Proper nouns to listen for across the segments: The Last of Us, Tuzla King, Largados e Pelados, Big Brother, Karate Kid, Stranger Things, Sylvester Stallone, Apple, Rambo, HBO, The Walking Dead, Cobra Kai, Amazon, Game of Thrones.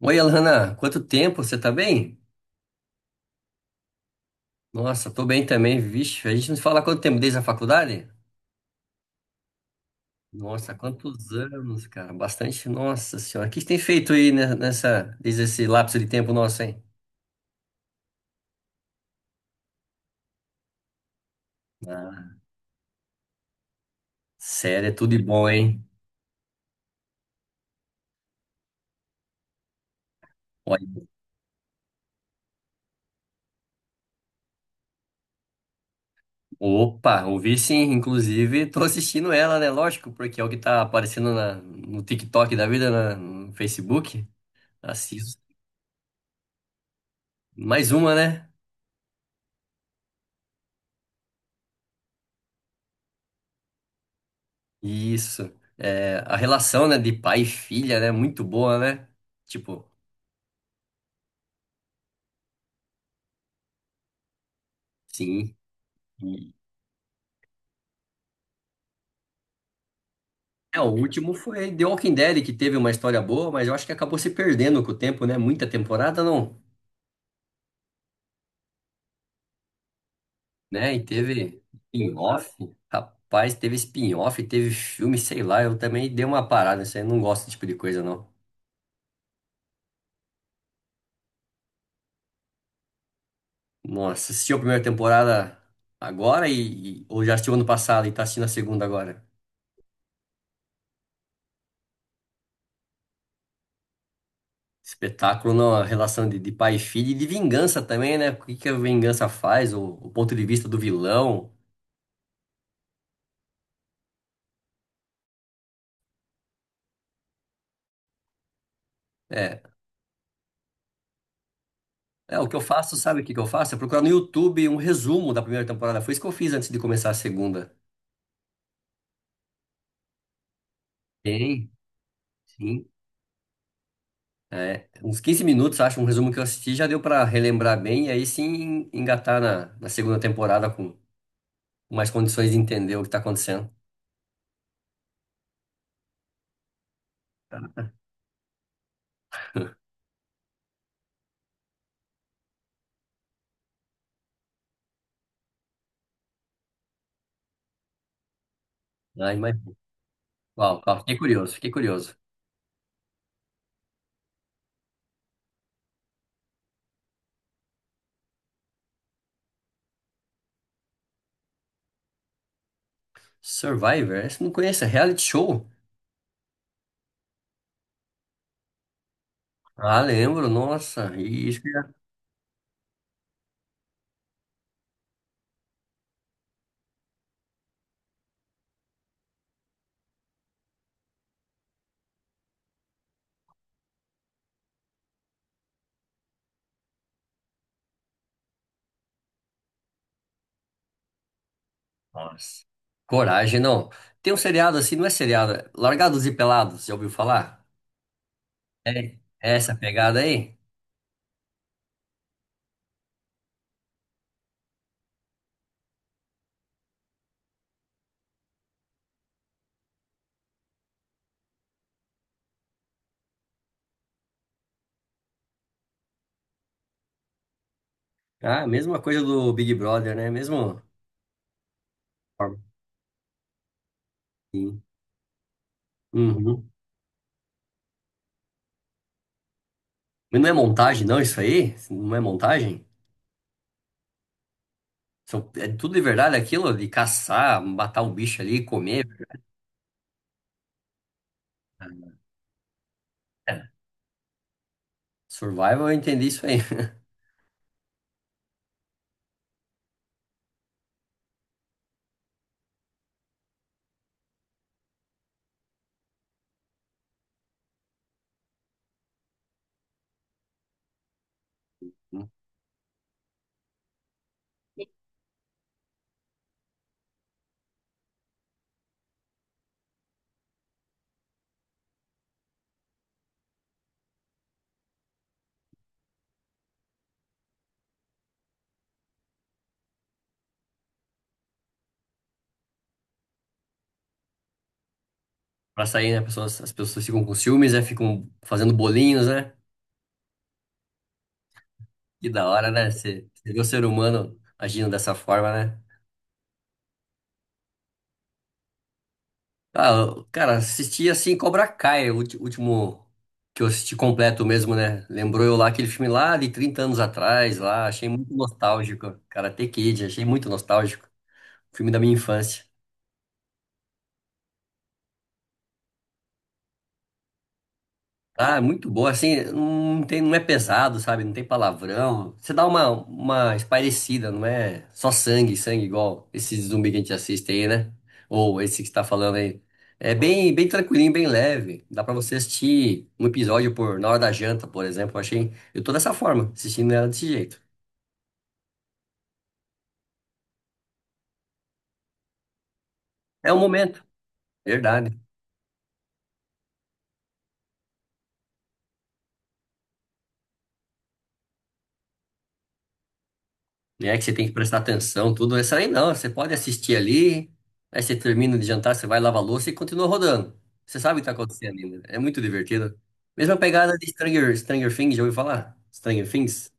Oi, Alana, quanto tempo? Você tá bem? Nossa, tô bem também, vixe. A gente não se fala há quanto tempo desde a faculdade? Nossa, quantos anos, cara? Bastante. Nossa senhora, o que você tem feito aí nessa, desde esse lapso de tempo nosso, hein? Ah, sério, é tudo de bom, hein? Olha, opa, ouvi sim, inclusive tô assistindo ela, né? Lógico, porque é o que tá aparecendo no TikTok da vida, no Facebook. Assisto. Mais uma, né? Isso. É, a relação, né, de pai e filha, né, muito boa, né? Tipo, sim. E- É, o último foi The Walking Dead, que teve uma história boa, mas eu acho que acabou se perdendo com o tempo, né? Muita temporada, não. Né? E teve spin-off. Rapaz, teve spin-off, teve filme, sei lá. Eu também dei uma parada, isso aí. Eu Não gosto desse tipo de coisa, não. Nossa, assistiu a primeira temporada agora ou já assistiu ano passado e tá assistindo a segunda agora? Espetáculo, não, a relação de pai e filho e de vingança também, né? O que que a vingança faz, o ponto de vista do vilão. É, o que eu faço, sabe o que que eu faço? É procurar no YouTube um resumo da primeira temporada. Foi isso que eu fiz antes de começar a segunda. Tem, sim. É, uns 15 minutos, acho, um resumo que eu assisti já deu pra relembrar bem e aí sim engatar na segunda temporada com mais condições de entender o que tá acontecendo. Ai, mas, uau, uau, fiquei curioso, fiquei curioso. Survivor? Esse eu não conheço, é reality show? Ah, lembro, nossa, e isso que é nossa. Coragem, não. Tem um seriado assim, não é seriado, é Largados e Pelados, já ouviu falar? É, é essa pegada aí? Ah, mesma coisa do Big Brother, né? Mesmo. Sim. Uhum. Mas não é montagem, não, isso aí? Não é montagem? É tudo de verdade aquilo de caçar, matar o bicho ali, comer. É, Survival, eu entendi isso aí. Pra sair, né? As pessoas ficam com ciúmes, né? Ficam fazendo bolinhos, né? Que da hora, né? Você vê o ser humano agindo dessa forma, né? Ah, cara, assisti assim Cobra Kai, o último que eu assisti completo mesmo, né? Lembrou eu lá aquele filme lá de 30 anos atrás, lá, achei muito nostálgico. Karate Kid, achei muito nostálgico. Filme da minha infância. Ah, é muito boa, assim, não tem, não é pesado, sabe? Não tem palavrão. Você dá uma espairecida, não é só sangue, sangue igual esse zumbi que a gente assiste aí, né? Ou esse que você tá falando aí. É bem, bem tranquilinho, bem leve. Dá pra você assistir um episódio na hora da janta, por exemplo. Eu tô dessa forma, assistindo ela desse jeito. É um momento, verdade. Né? Que você tem que prestar atenção, tudo. Essa aí não, você pode assistir ali, aí você termina de jantar, você vai lavar a louça e continua rodando. Você sabe o que tá acontecendo ainda. É muito divertido. Mesma pegada de Stranger Things, já ouviu falar? Stranger Things?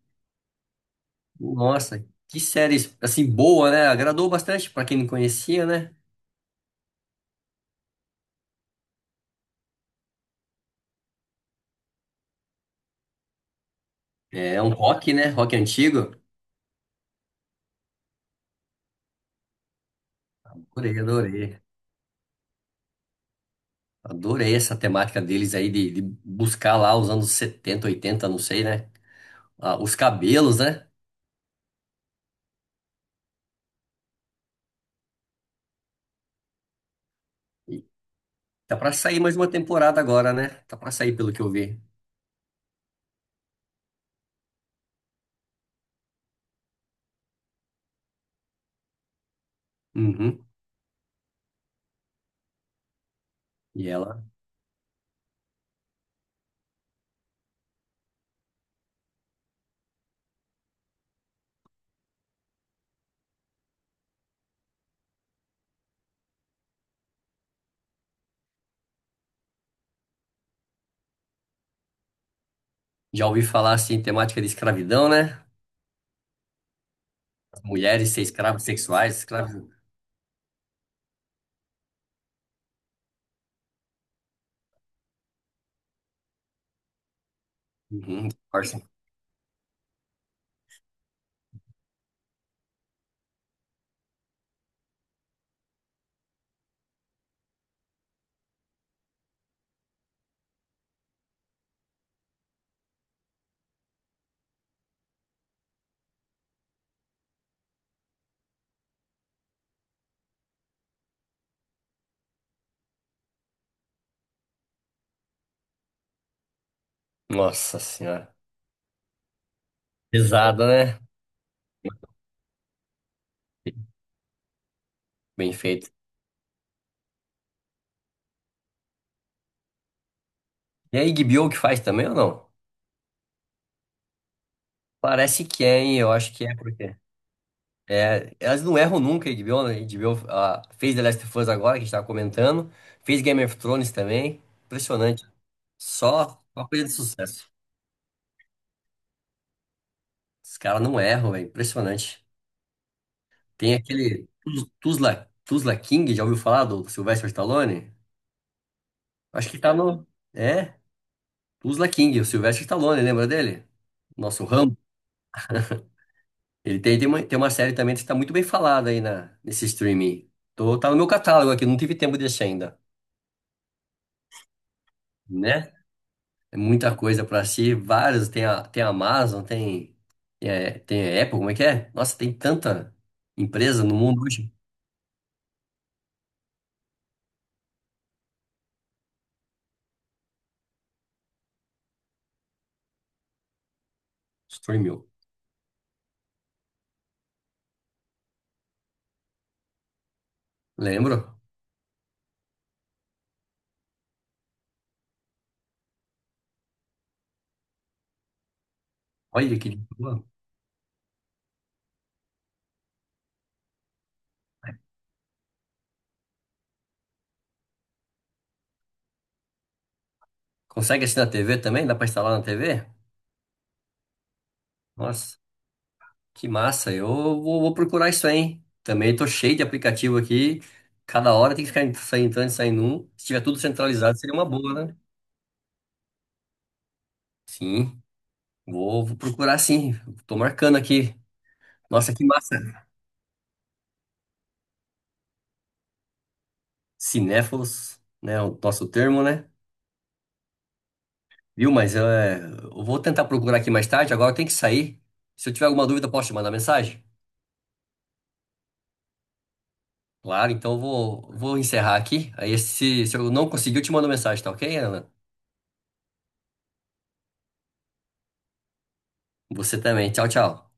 Nossa, que série, assim, boa, né? Agradou bastante pra quem não conhecia, né? É, um rock, né? Rock antigo. Adorei, adorei. Adorei essa temática deles aí de buscar lá os anos 70, 80, não sei, né? Ah, os cabelos, né? Tá pra sair mais uma temporada agora, né? Tá pra sair, pelo que eu vi. Uhum. E ela já ouvi falar assim, temática de escravidão, né? As mulheres ser escravas sexuais, escravos. Uhum. Força. Nossa senhora. Pesado, né? Bem feito. E a Iggy Bill que faz também ou não? Parece que é, hein? Eu acho que é, porque. É, elas não erram nunca, a HBO, né? A HBO fez The Last of Us agora, que a gente tava comentando. Fez Game of Thrones também. Impressionante. Só uma coisa de sucesso. Os caras não erram, velho. Impressionante. Tem aquele Tuzla King, já ouviu falar do Sylvester Stallone? Acho que tá no. É, Tuzla King, o Sylvester Stallone, lembra dele? Nosso Rambo. Ele tem uma série também que está muito bem falada aí nesse streaming. Tá no meu catálogo aqui, não tive tempo de assistir ainda, né? É muita coisa pra assistir, vários. Tem a Amazon, tem a Apple, como é que é? Nossa, tem tanta empresa no mundo hoje. Streaming. Lembro? Olha que boa. Consegue assistir na TV também? Dá pra instalar na TV? Nossa, que massa. Eu vou procurar isso aí, hein? Também tô cheio de aplicativo aqui. Cada hora tem que ficar sair entrando e saindo um. Se tiver tudo centralizado, seria uma boa, né? Sim, vou procurar sim. Tô marcando aqui. Nossa, que massa. Cinéfilos, né? O nosso termo, né? Viu? Mas é, eu vou tentar procurar aqui mais tarde. Agora eu tenho que sair. Se eu tiver alguma dúvida, posso te mandar mensagem? Claro, então eu vou encerrar aqui. Aí, se eu não conseguir, eu te mando mensagem, tá ok, Ana? Você também. Tchau, tchau.